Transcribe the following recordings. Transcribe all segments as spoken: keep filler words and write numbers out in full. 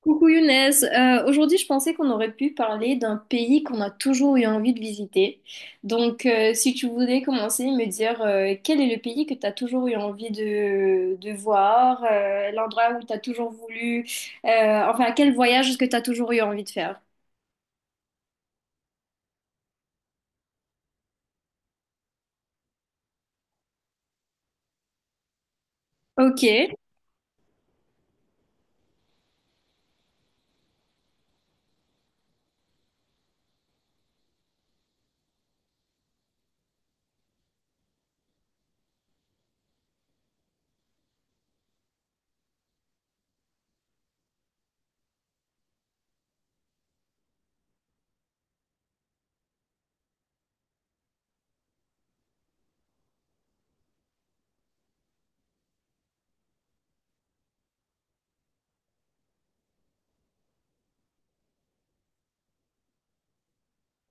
Coucou Younes. Euh, aujourd'hui je pensais qu'on aurait pu parler d'un pays qu'on a toujours eu envie de visiter. Donc euh, si tu voulais commencer, me dire euh, quel est le pays que tu as toujours eu envie de, de voir, euh, l'endroit où tu as toujours voulu, euh, enfin quel voyage est-ce que tu as toujours eu envie de faire? Ok.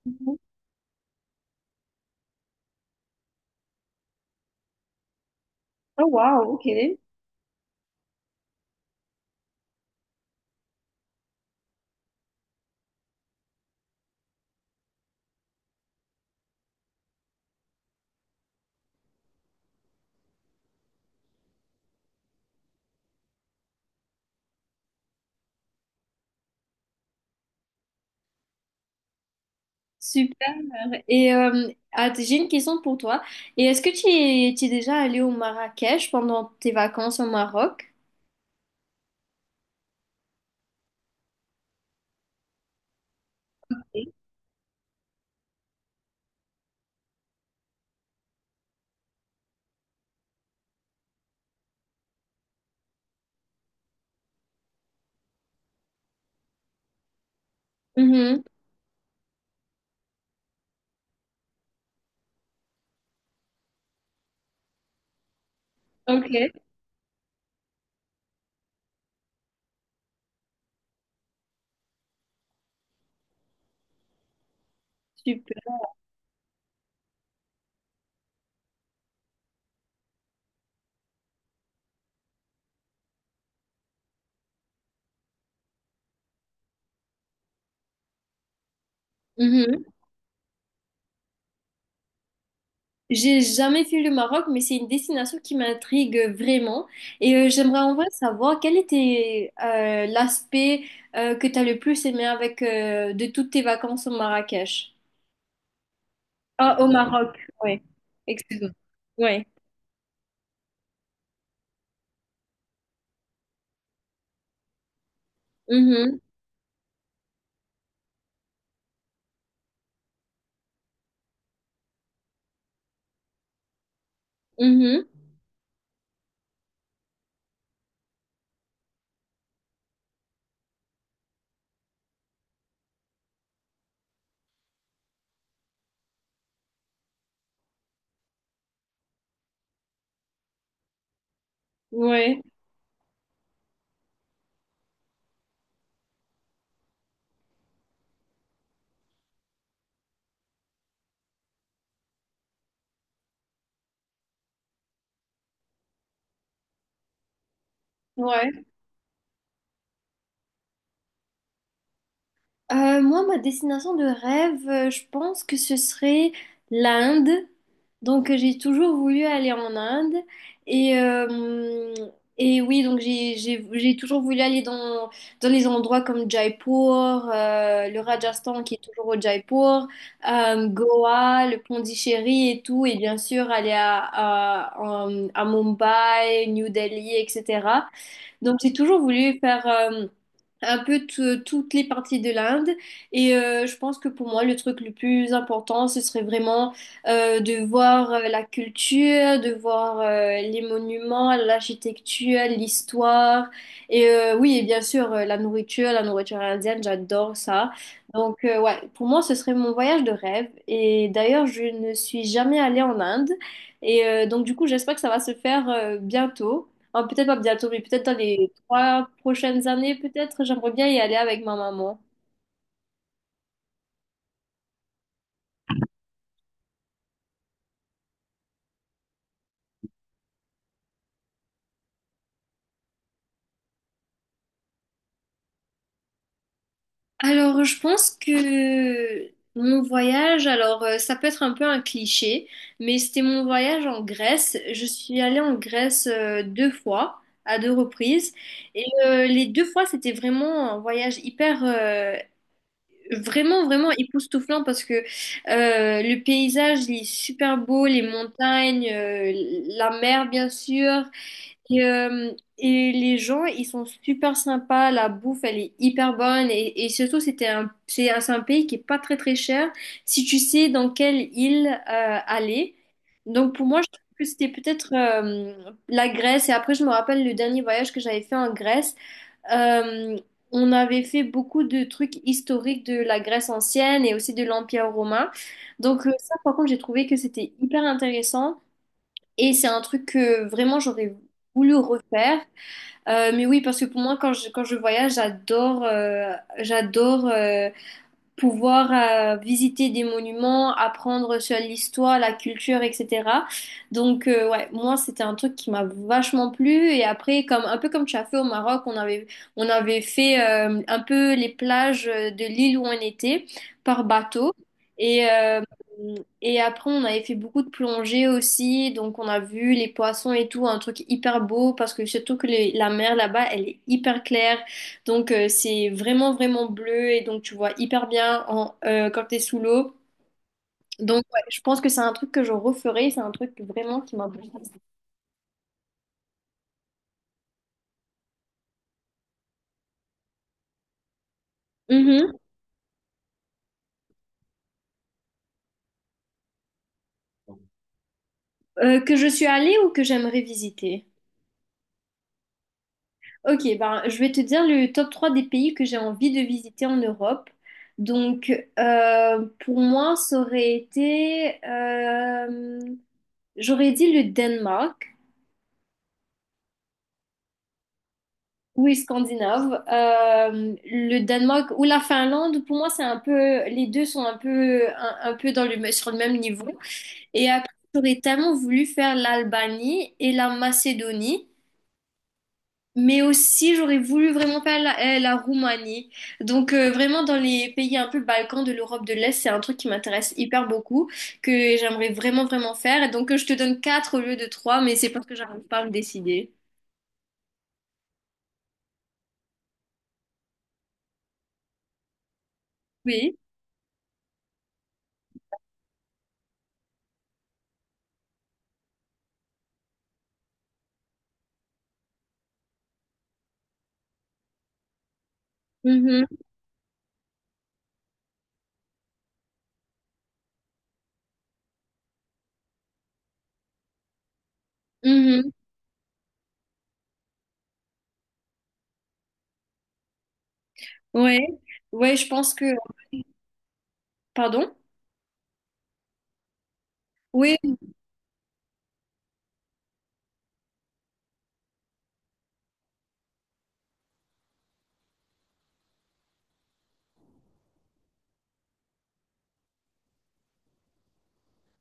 Mhm. Oh wow, ok. Super. Et euh, ah, t- j'ai une question pour toi. Et est-ce que tu es, tu es déjà allé au Marrakech pendant tes vacances au Maroc? Mhm. Ok, super. Mhm. J'ai jamais fait le Maroc, mais c'est une destination qui m'intrigue vraiment. Et euh, j'aimerais en vrai savoir quel était euh, l'aspect euh, que tu as le plus aimé avec euh, de toutes tes vacances au Marrakech. Ah, au Maroc, ouais. Excuse-moi. Ouais. Mhm. Mhm. Ouais. Ouais. Euh, moi, ma destination de rêve, euh, je pense que ce serait l'Inde. Donc, euh, j'ai toujours voulu aller en Inde. Et, euh, et oui, donc j'ai, j'ai, j'ai toujours voulu aller dans, dans les endroits comme Jaipur, euh, le Rajasthan qui est toujours au Jaipur, euh, Goa, le Pondichéry et tout. Et bien sûr, aller à, à, à- à Mumbai, New Delhi, et cetera. Donc, j'ai toujours voulu faire euh, un peu t- toutes les parties de l'Inde. Et euh, je pense que pour moi, le truc le plus important, ce serait vraiment euh, de voir euh, la culture, de voir euh, les monuments, l'architecture, l'histoire. Et euh, oui, et bien sûr, euh, la nourriture, la nourriture indienne, j'adore ça. Donc, euh, ouais, pour moi, ce serait mon voyage de rêve. Et d'ailleurs, je ne suis jamais allée en Inde. Et euh, donc, du coup, j'espère que ça va se faire euh, bientôt. Enfin, peut-être pas bientôt, mais peut-être dans les trois prochaines années, peut-être, j'aimerais bien y aller avec ma maman. Alors, je pense que mon voyage, alors euh, ça peut être un peu un cliché, mais c'était mon voyage en Grèce. Je suis allée en Grèce euh, deux fois, à deux reprises, et euh, les deux fois c'était vraiment un voyage hyper, euh, vraiment vraiment époustouflant parce que euh, le paysage il est super beau, les montagnes, euh, la mer bien sûr. Et, euh, et les gens, ils sont super sympas, la bouffe, elle est hyper bonne. Et, et surtout, c'était un, c'est un, c'est un pays qui est pas très très cher si tu sais dans quelle île euh, aller. Donc pour moi, je trouve que c'était peut-être euh, la Grèce. Et après, je me rappelle le dernier voyage que j'avais fait en Grèce. Euh, on avait fait beaucoup de trucs historiques de la Grèce ancienne et aussi de l'Empire romain. Donc euh, ça, par contre, j'ai trouvé que c'était hyper intéressant. Et c'est un truc que vraiment j'aurais voulu refaire. Euh, mais oui, parce que pour moi, quand je, quand je voyage, j'adore euh, j'adore euh, pouvoir euh, visiter des monuments, apprendre sur l'histoire, la culture, et cetera. Donc, euh, ouais, moi, c'était un truc qui m'a vachement plu. Et après, comme, un peu comme tu as fait au Maroc, on avait, on avait fait euh, un peu les plages euh, de l'île où on était par bateau. Et, euh, et après, on avait fait beaucoup de plongées aussi. Donc, on a vu les poissons et tout, un truc hyper beau parce que surtout que les- la mer là-bas, elle est hyper claire. Donc euh, c'est vraiment vraiment bleu et donc tu vois hyper bien en, euh, quand t'es sous l'eau. Donc ouais, je pense que c'est un truc que je referai, c'est un truc vraiment qui m'a bouleversée. Mhm. Euh, que je suis allée ou que j'aimerais visiter? Ok, ben, je vais te dire le top trois des pays que j'ai envie de visiter en Europe. Donc, euh, pour moi, ça aurait été euh, j'aurais dit le Danemark. Oui, scandinave. Euh, le Danemark ou la Finlande, pour moi, c'est un peu, les deux sont un peu, un, un peu dans le, me- sur le même niveau. Et après, j'aurais tellement voulu faire l'Albanie et la Macédonie, mais aussi j'aurais voulu vraiment faire la, euh, la Roumanie. Donc euh, vraiment dans les pays un peu Balkans de l'Europe de l'Est, c'est un truc qui m'intéresse hyper beaucoup, que j'aimerais vraiment vraiment faire. Et donc euh, je te donne quatre au lieu de trois, mais c'est parce que j'arrive pas à me décider. Oui. Mhm. Mhm. Ouais, ouais, je pense que. Pardon? Oui,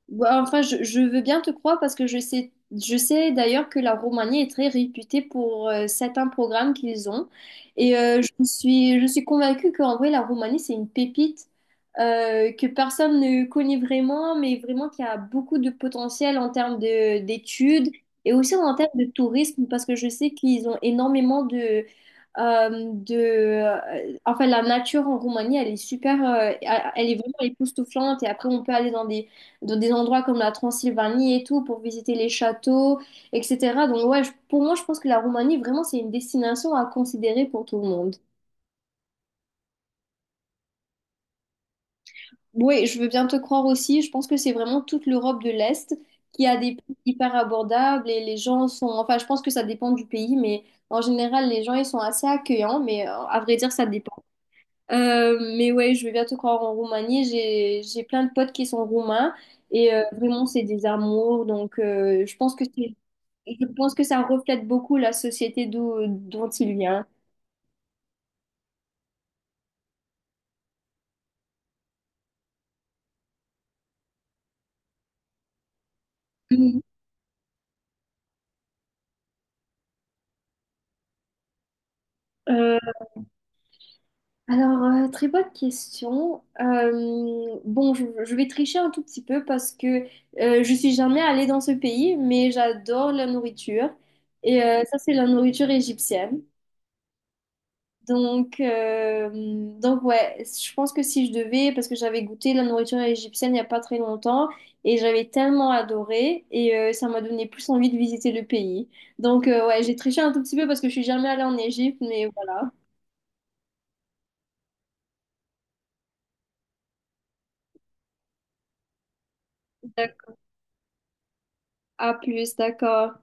bah, enfin, je, je veux bien te croire parce que je sais, je sais d'ailleurs que la Roumanie est très réputée pour euh, certains programmes qu'ils ont. Et euh, je suis, je suis convaincue qu'en vrai, la Roumanie, c'est une pépite euh, que personne ne connaît vraiment, mais vraiment qui a beaucoup de potentiel en termes de, d'études et aussi en termes de tourisme parce que je sais qu'ils ont énormément de euh, de euh, enfin, la nature en Roumanie, elle est super, euh, elle est vraiment époustouflante et après, on peut aller dans des dans des endroits comme la Transylvanie et tout, pour visiter les châteaux, et cetera. Donc ouais, je- pour moi, je pense que la Roumanie, vraiment, c'est une destination à considérer pour tout le monde. Oui, je veux bien te croire aussi, je pense que c'est vraiment toute l'Europe de l'Est qui a des prix hyper abordables et les gens sont, enfin, je pense que ça dépend du pays, mais en général, les gens, ils sont assez accueillants, mais euh, à vrai dire, ça dépend. Euh, mais ouais, je veux bien te croire en Roumanie, j'ai, j'ai plein de potes qui sont roumains et euh, vraiment, c'est des amours, donc euh, je pense que c'est Je pense que ça reflète beaucoup la société d'où, dont il vient. Mhm. Euh, alors, euh, très bonne question. Euh, bon, je, je vais tricher un tout petit peu parce que euh, je suis jamais allée dans ce pays, mais j'adore la nourriture. Et euh, ça, c'est la nourriture égyptienne. Donc, euh, donc ouais, je pense que si je devais, parce que j'avais goûté la nourriture égyptienne il n'y a pas très longtemps et j'avais tellement adoré et euh, ça m'a donné plus envie de visiter le pays. Donc euh, ouais, j'ai triché un tout petit peu parce que je suis jamais allée en Égypte, mais voilà. D'accord. À plus, d'accord.